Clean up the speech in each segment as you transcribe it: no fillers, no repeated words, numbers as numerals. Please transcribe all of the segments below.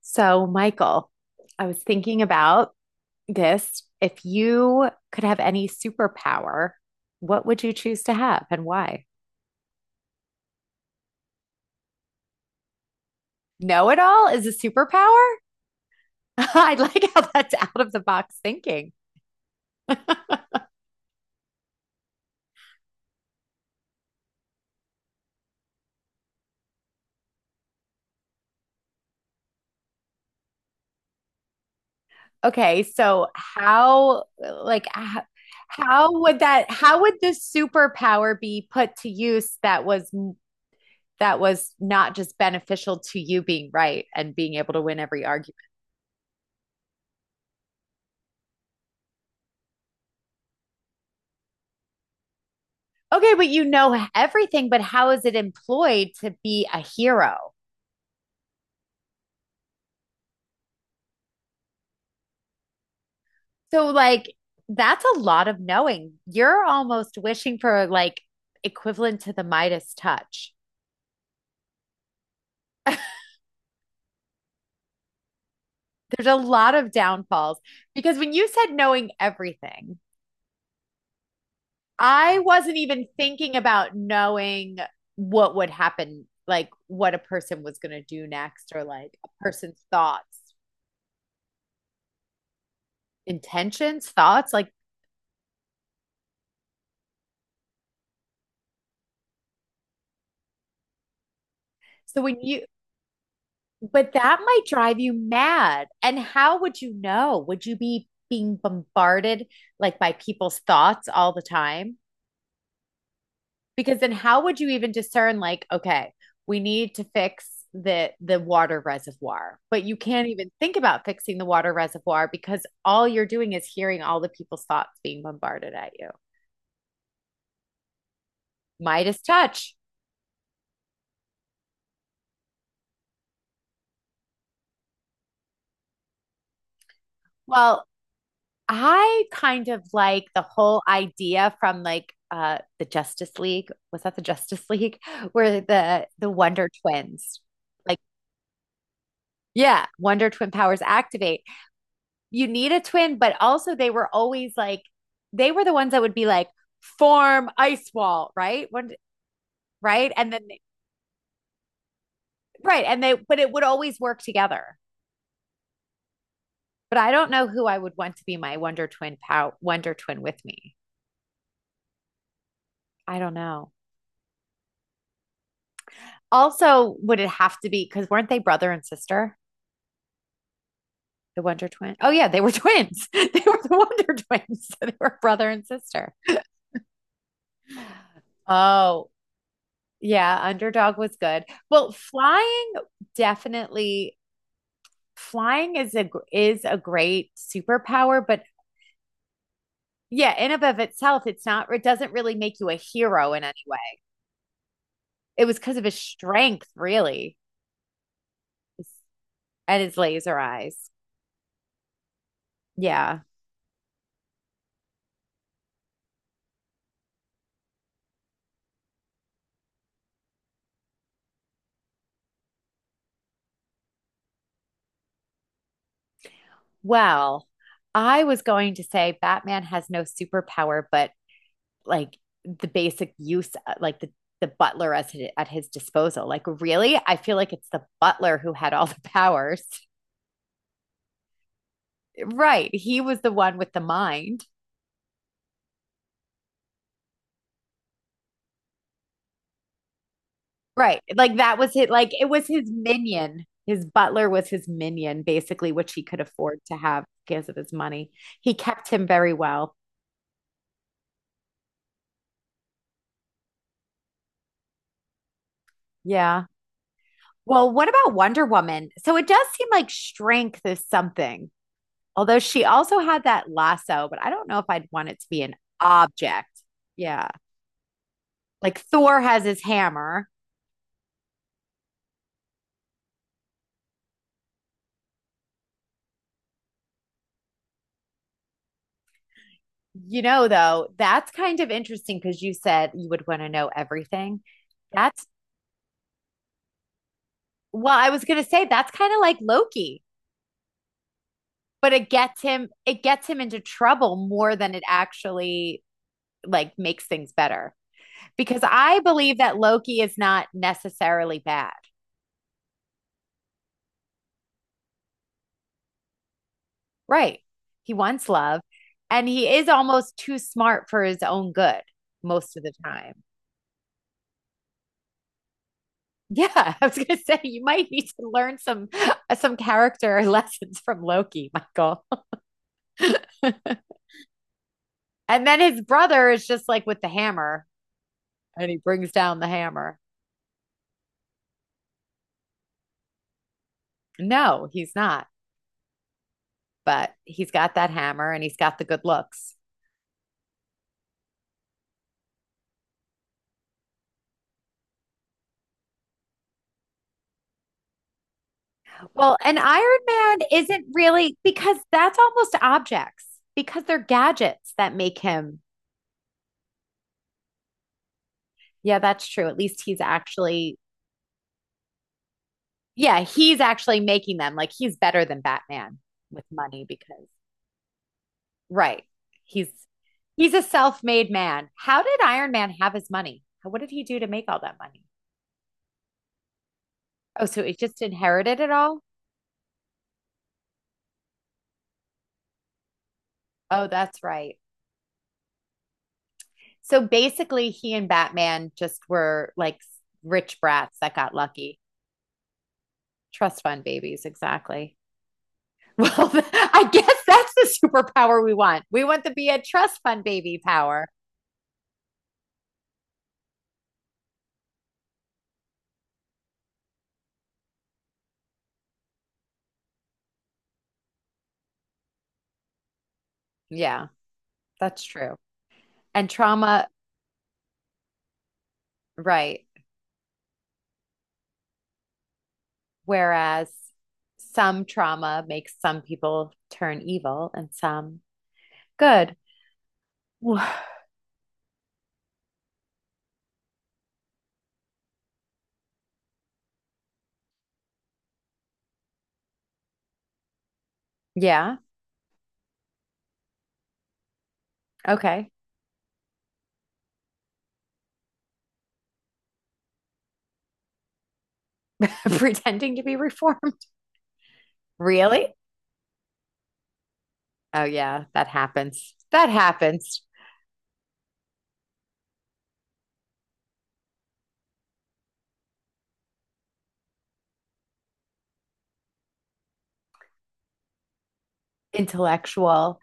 So, Michael, I was thinking about this. If you could have any superpower, what would you choose to have and why? Know it all is a superpower? I like how that's out of the box thinking. Okay, so how would that, how would the superpower be put to use that was not just beneficial to you being right and being able to win every argument? Okay, but you know everything, but how is it employed to be a hero? So, like, that's a lot of knowing. You're almost wishing for like equivalent to the Midas touch. There's a lot of downfalls because when you said knowing everything, I wasn't even thinking about knowing what would happen, like what a person was going to do next or like a person's thoughts, intentions, thoughts. Like, so when you, but that might drive you mad. And how would you know? Would you be being bombarded like by people's thoughts all the time? Because then how would you even discern like, okay, we need to fix the water reservoir. But you can't even think about fixing the water reservoir because all you're doing is hearing all the people's thoughts being bombarded at you. Midas touch. Well, I kind of like the whole idea from like the Justice League. Was that the Justice League? Where the Wonder Twins. Like yeah, Wonder Twin powers activate. You need a twin, but also they were always like they were the ones that would be like form ice wall, right? When, right? And then right, and they but it would always work together. But I don't know who I would want to be my Wonder Twin with me. I don't know. Also, would it have to be because weren't they brother and sister? The Wonder Twins? Oh yeah, they were twins. They were the Wonder Twins. So they were brother and sister. Oh, yeah, Underdog was good. Well, flying definitely flying is a gr- is a great superpower, but yeah, in and of itself, it's not it doesn't really make you a hero in any way. It was because of his strength, really, and his laser eyes. Yeah. Well, I was going to say Batman has no superpower, but like the basic use, like the butler as his, at his disposal. Like, really, I feel like it's the butler who had all the powers. Right, he was the one with the mind. Right, like that was it. Like it was his minion. His butler was his minion, basically, which he could afford to have because of his money. He kept him very well. Yeah. Well, what about Wonder Woman? So it does seem like strength is something. Although she also had that lasso, but I don't know if I'd want it to be an object. Yeah. Like Thor has his hammer. You know, though, that's kind of interesting because you said you would want to know everything. That's, well, I was going to say that's kind of like Loki, but it gets him into trouble more than it actually like makes things better. Because I believe that Loki is not necessarily bad. Right. He wants love and he is almost too smart for his own good most of the time. Yeah, I was going to say you might need to learn some character lessons from Loki, Michael. And then his brother is just like with the hammer and he brings down the hammer. No, he's not, but he's got that hammer and he's got the good looks. Well, an Iron Man isn't really because that's almost objects because they're gadgets that make him. Yeah, that's true. At least he's actually, yeah, he's actually making them. Like he's better than Batman with money because, right. He's he's a self-made man. How did Iron Man have his money? How- What did he do to make all that money? Oh, so he just inherited it all? Oh, that's right. So basically he and Batman just were like rich brats that got lucky. Trust fund babies, exactly. Well, I guess that's the superpower we want. We want to be a trust fund baby power. Yeah. That's true. And trauma, right. Whereas some trauma makes some people turn evil and some good. Yeah. Okay. Pretending to be reformed. Really? Oh, yeah. That happens. That happens. Intellectual.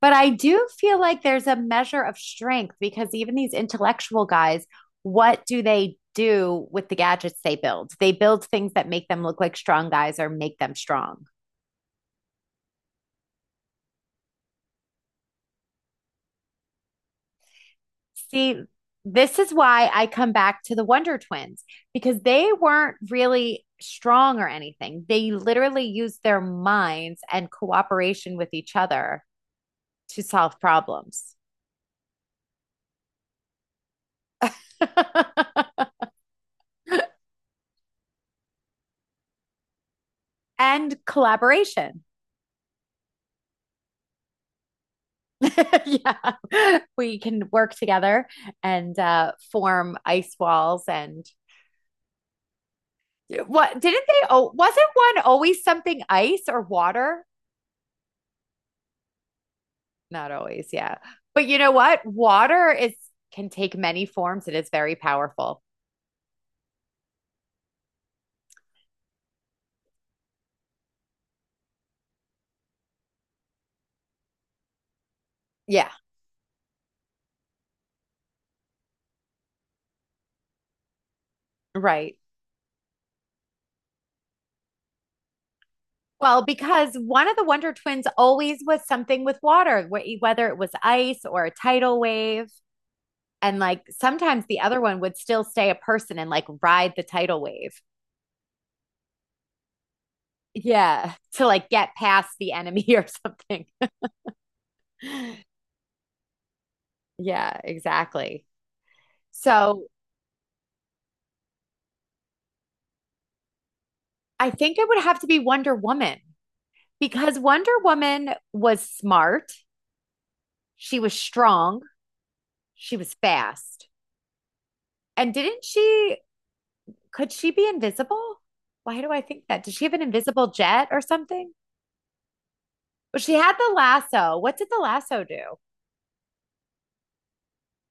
But I do feel like there's a measure of strength because even these intellectual guys, what do they do with the gadgets they build? They build things that make them look like strong guys or make them strong. See, this is why I come back to the Wonder Twins because they weren't really strong or anything. They literally used their minds and cooperation with each other to solve problems. And collaboration. Yeah. We can work together and form ice walls and what didn't they oh wasn't one always something ice or water. Not always, yeah. But you know what? Water is can take many forms. It is very powerful. Yeah. Right. Well, because one of the Wonder Twins always was something with water, whether it was ice or a tidal wave. And like sometimes the other one would still stay a person and like ride the tidal wave. Yeah, to like get past the enemy or something. Yeah, exactly. So I think it would have to be Wonder Woman because Wonder Woman was smart. She was strong. She was fast. And didn't she, could she be invisible? Why do I think that? Did she have an invisible jet or something? Well, she had the lasso. What did the lasso do?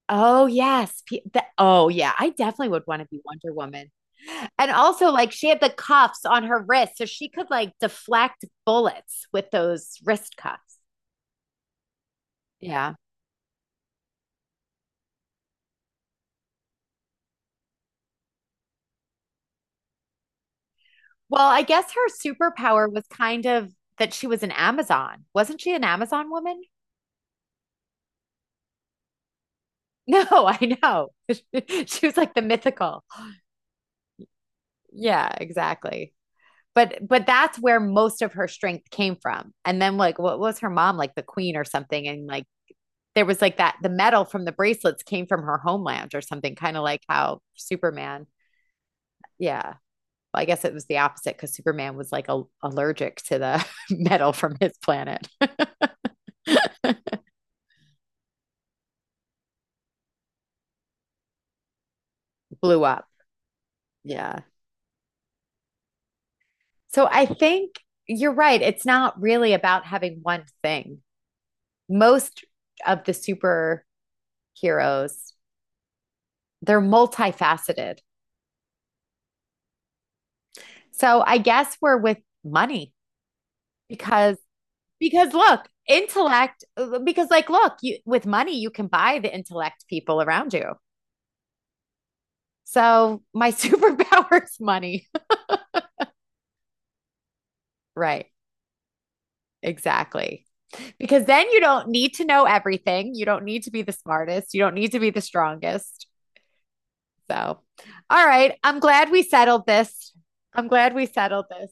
Oh, yes. Oh, yeah. I definitely would want to be Wonder Woman. And also, like, she had the cuffs on her wrist, so she could like deflect bullets with those wrist cuffs. Yeah. Well, I guess her superpower was kind of that she was an Amazon. Wasn't she an Amazon woman? No, I know. She was like the mythical. Yeah, exactly. But that's where most of her strength came from. And then like what was her mom like the queen or something and like there was like that the metal from the bracelets came from her homeland or something kind of like how Superman. Yeah. Well, I guess it was the opposite cuz Superman was like a, allergic to the metal from his planet. Blew up. Yeah. So I think you're right. It's not really about having one thing. Most of the superheroes, they're multifaceted. So I guess we're with money because look, intellect because like look, you with money you can buy the intellect people around you. So my superpower is money. Right. Exactly. Because then you don't need to know everything. You don't need to be the smartest. You don't need to be the strongest. So, all right. I'm glad we settled this. I'm glad we settled this.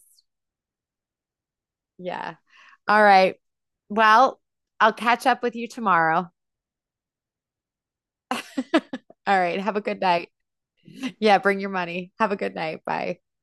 Yeah. All right. Well, I'll catch up